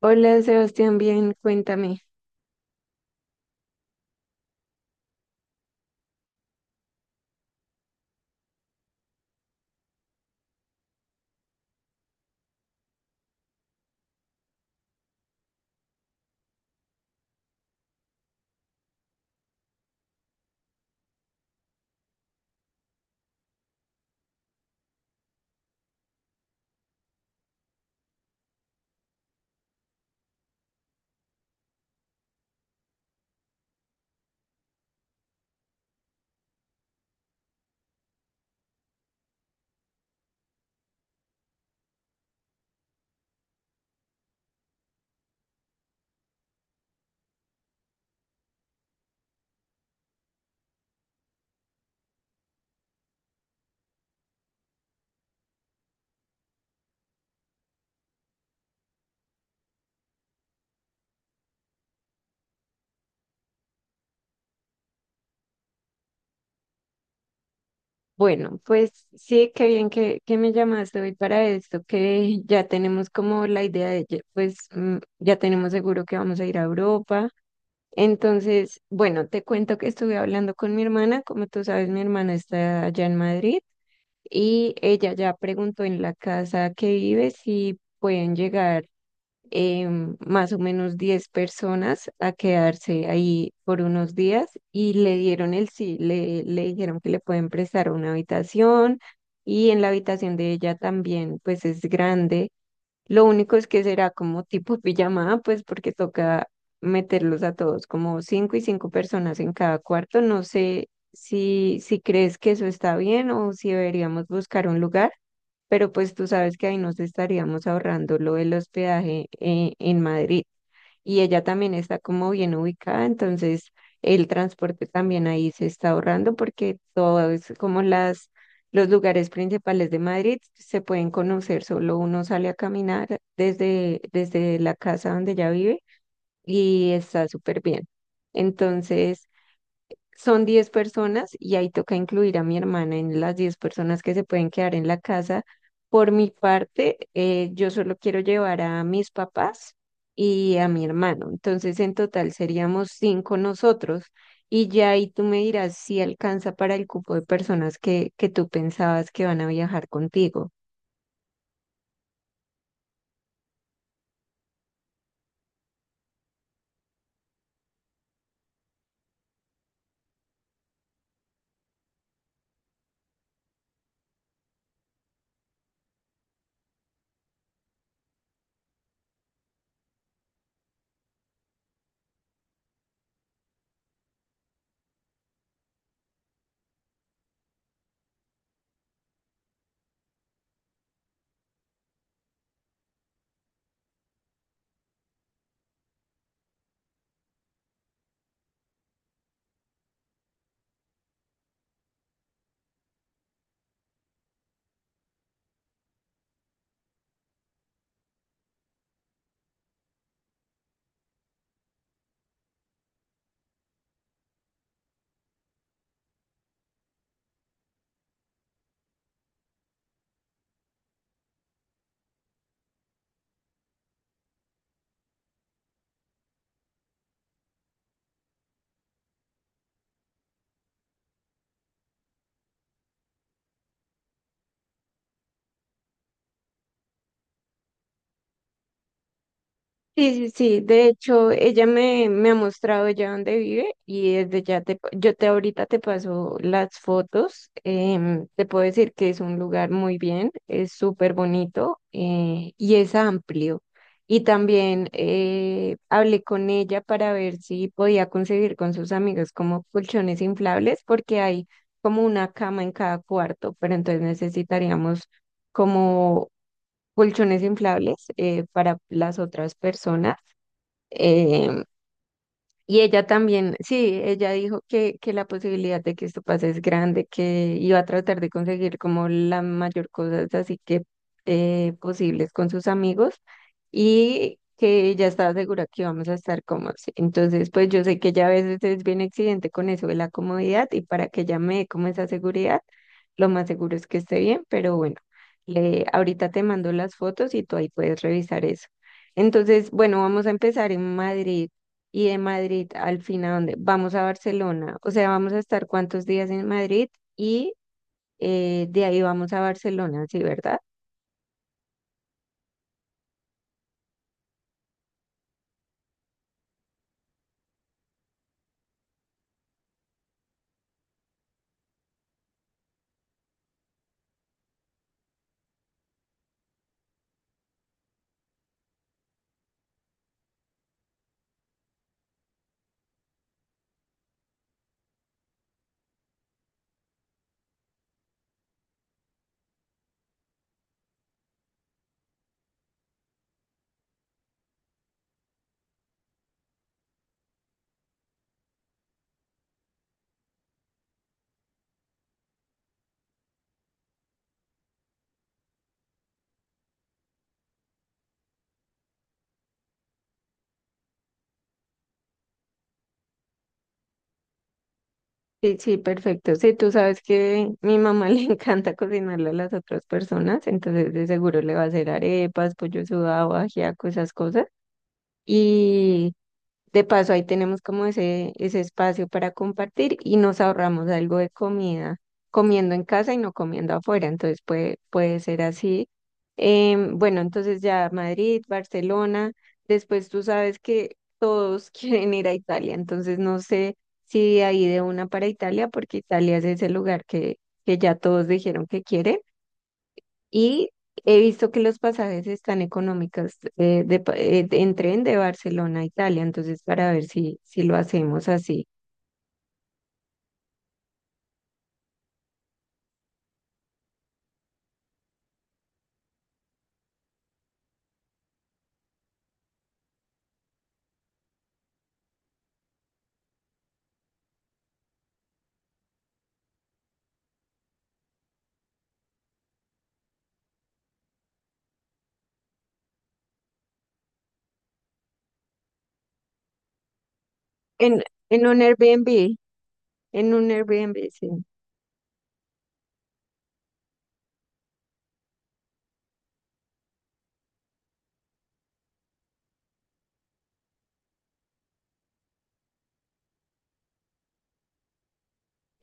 Hola Sebastián, bien, cuéntame. Bueno, pues sí, qué bien que me llamaste hoy para esto, que ya tenemos como la idea de, que, pues ya tenemos seguro que vamos a ir a Europa. Entonces, bueno, te cuento que estuve hablando con mi hermana, como tú sabes, mi hermana está allá en Madrid y ella ya preguntó en la casa que vive si pueden llegar. eh, Más o menos 10 personas a quedarse ahí por unos días y le dieron el sí, le dijeron que le pueden prestar una habitación y en la habitación de ella también, pues es grande. Lo único es que será como tipo pijamada, pues porque toca meterlos a todos, como 5 y 5 personas en cada cuarto. No sé si crees que eso está bien o si deberíamos buscar un lugar, pero pues tú sabes que ahí nos estaríamos ahorrando lo del hospedaje, en Madrid, y ella también está como bien ubicada. Entonces el transporte también ahí se está ahorrando porque todo es como las, los lugares principales de Madrid se pueden conocer, solo uno sale a caminar desde la casa donde ella vive y está súper bien. Entonces, son 10 personas y ahí toca incluir a mi hermana en las 10 personas que se pueden quedar en la casa. Por mi parte, yo solo quiero llevar a mis papás y a mi hermano. Entonces, en total seríamos 5 nosotros. Y ya ahí tú me dirás si alcanza para el cupo de personas que tú pensabas que van a viajar contigo. Sí, sí, sí, de hecho ella me ha mostrado ya dónde vive y desde ya yo te ahorita te paso las fotos. Te puedo decir que es un lugar muy bien, es súper bonito, y es amplio. Y también, hablé con ella para ver si podía conseguir con sus amigos como colchones inflables, porque hay como una cama en cada cuarto, pero entonces necesitaríamos como colchones inflables, para las otras personas. Eh, y ella también, sí, ella dijo que la posibilidad de que esto pase es grande, que iba a tratar de conseguir como la mayor cosas así que posibles con sus amigos, y que ella estaba segura que íbamos a estar cómodos. Entonces, pues yo sé que ella a veces es bien exigente con eso de la comodidad, y para que ella me dé como esa seguridad, lo más seguro es que esté bien. Pero bueno, ahorita te mando las fotos y tú ahí puedes revisar eso. Entonces, bueno, vamos a empezar en Madrid, y de Madrid al fin ¿a dónde? ¿Vamos a Barcelona? O sea, ¿vamos a estar cuántos días en Madrid y de ahí vamos a Barcelona, sí, verdad? Sí, sí, perfecto. Sí, tú sabes que mi mamá le encanta cocinarle a las otras personas, entonces de seguro le va a hacer arepas, pollo sudado, ajiaco, esas cosas. Y de paso, ahí tenemos como ese espacio para compartir y nos ahorramos algo de comida, comiendo en casa y no comiendo afuera. Entonces puede ser así. Bueno, entonces ya Madrid, Barcelona. Después tú sabes que todos quieren ir a Italia. Entonces no sé si de ahí de una para Italia, porque Italia es ese lugar que ya todos dijeron que quieren. Y he visto que los pasajes están económicos, en tren de Barcelona a Italia, entonces para ver si lo hacemos así. En, en un Airbnb, en un Airbnb, sí.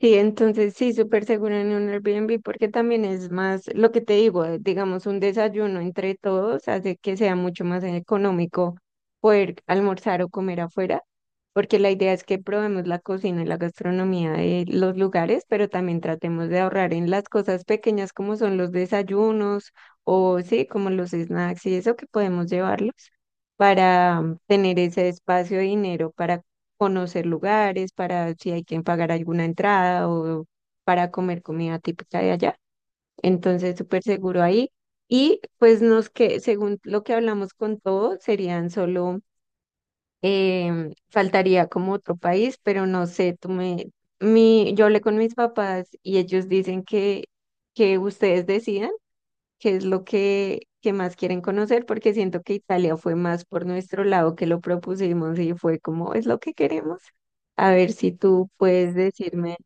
Sí, entonces sí, súper seguro en un Airbnb, porque también es más lo que te digo. Digamos, un desayuno entre todos hace que sea mucho más económico poder almorzar o comer afuera, porque la idea es que probemos la cocina y la gastronomía de los lugares, pero también tratemos de ahorrar en las cosas pequeñas como son los desayunos, o sí, como los snacks y eso que podemos llevarlos para tener ese espacio de dinero para conocer lugares, para si hay que pagar alguna entrada, o para comer comida típica de allá. Entonces, súper seguro ahí. Y pues nos que, según lo que hablamos con todo, serían solo, faltaría como otro país. Pero no sé, yo hablé con mis papás y ellos dicen que ustedes decidan qué es lo que más quieren conocer, porque siento que Italia fue más por nuestro lado que lo propusimos y fue como, es lo que queremos. A ver si tú puedes decirme,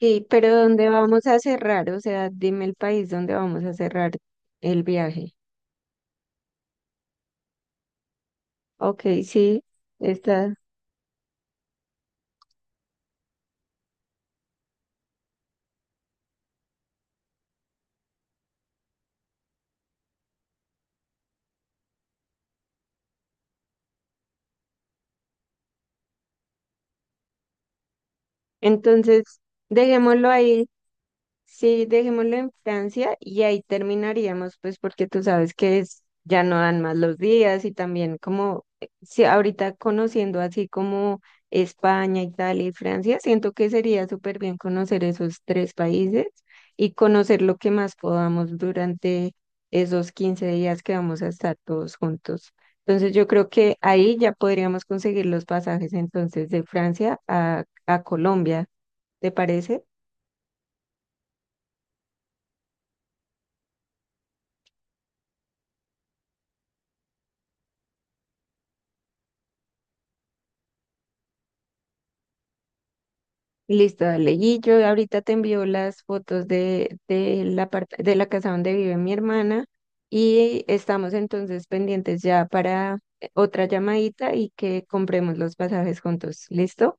sí, pero ¿dónde vamos a cerrar? O sea, dime el país donde vamos a cerrar el viaje. Ok, sí, está. Entonces, dejémoslo ahí. Sí, dejémoslo en Francia y ahí terminaríamos, pues porque tú sabes que es, ya no dan más los días. Y también como, si ahorita conociendo así como España, Italia y Francia, siento que sería súper bien conocer esos 3 países y conocer lo que más podamos durante esos 15 días que vamos a estar todos juntos. Entonces yo creo que ahí ya podríamos conseguir los pasajes entonces de Francia a Colombia, ¿te parece? Listo, dale. Y yo ahorita te envío las fotos de la parte de la casa donde vive mi hermana, y estamos entonces pendientes ya para otra llamadita y que compremos los pasajes juntos. ¿Listo?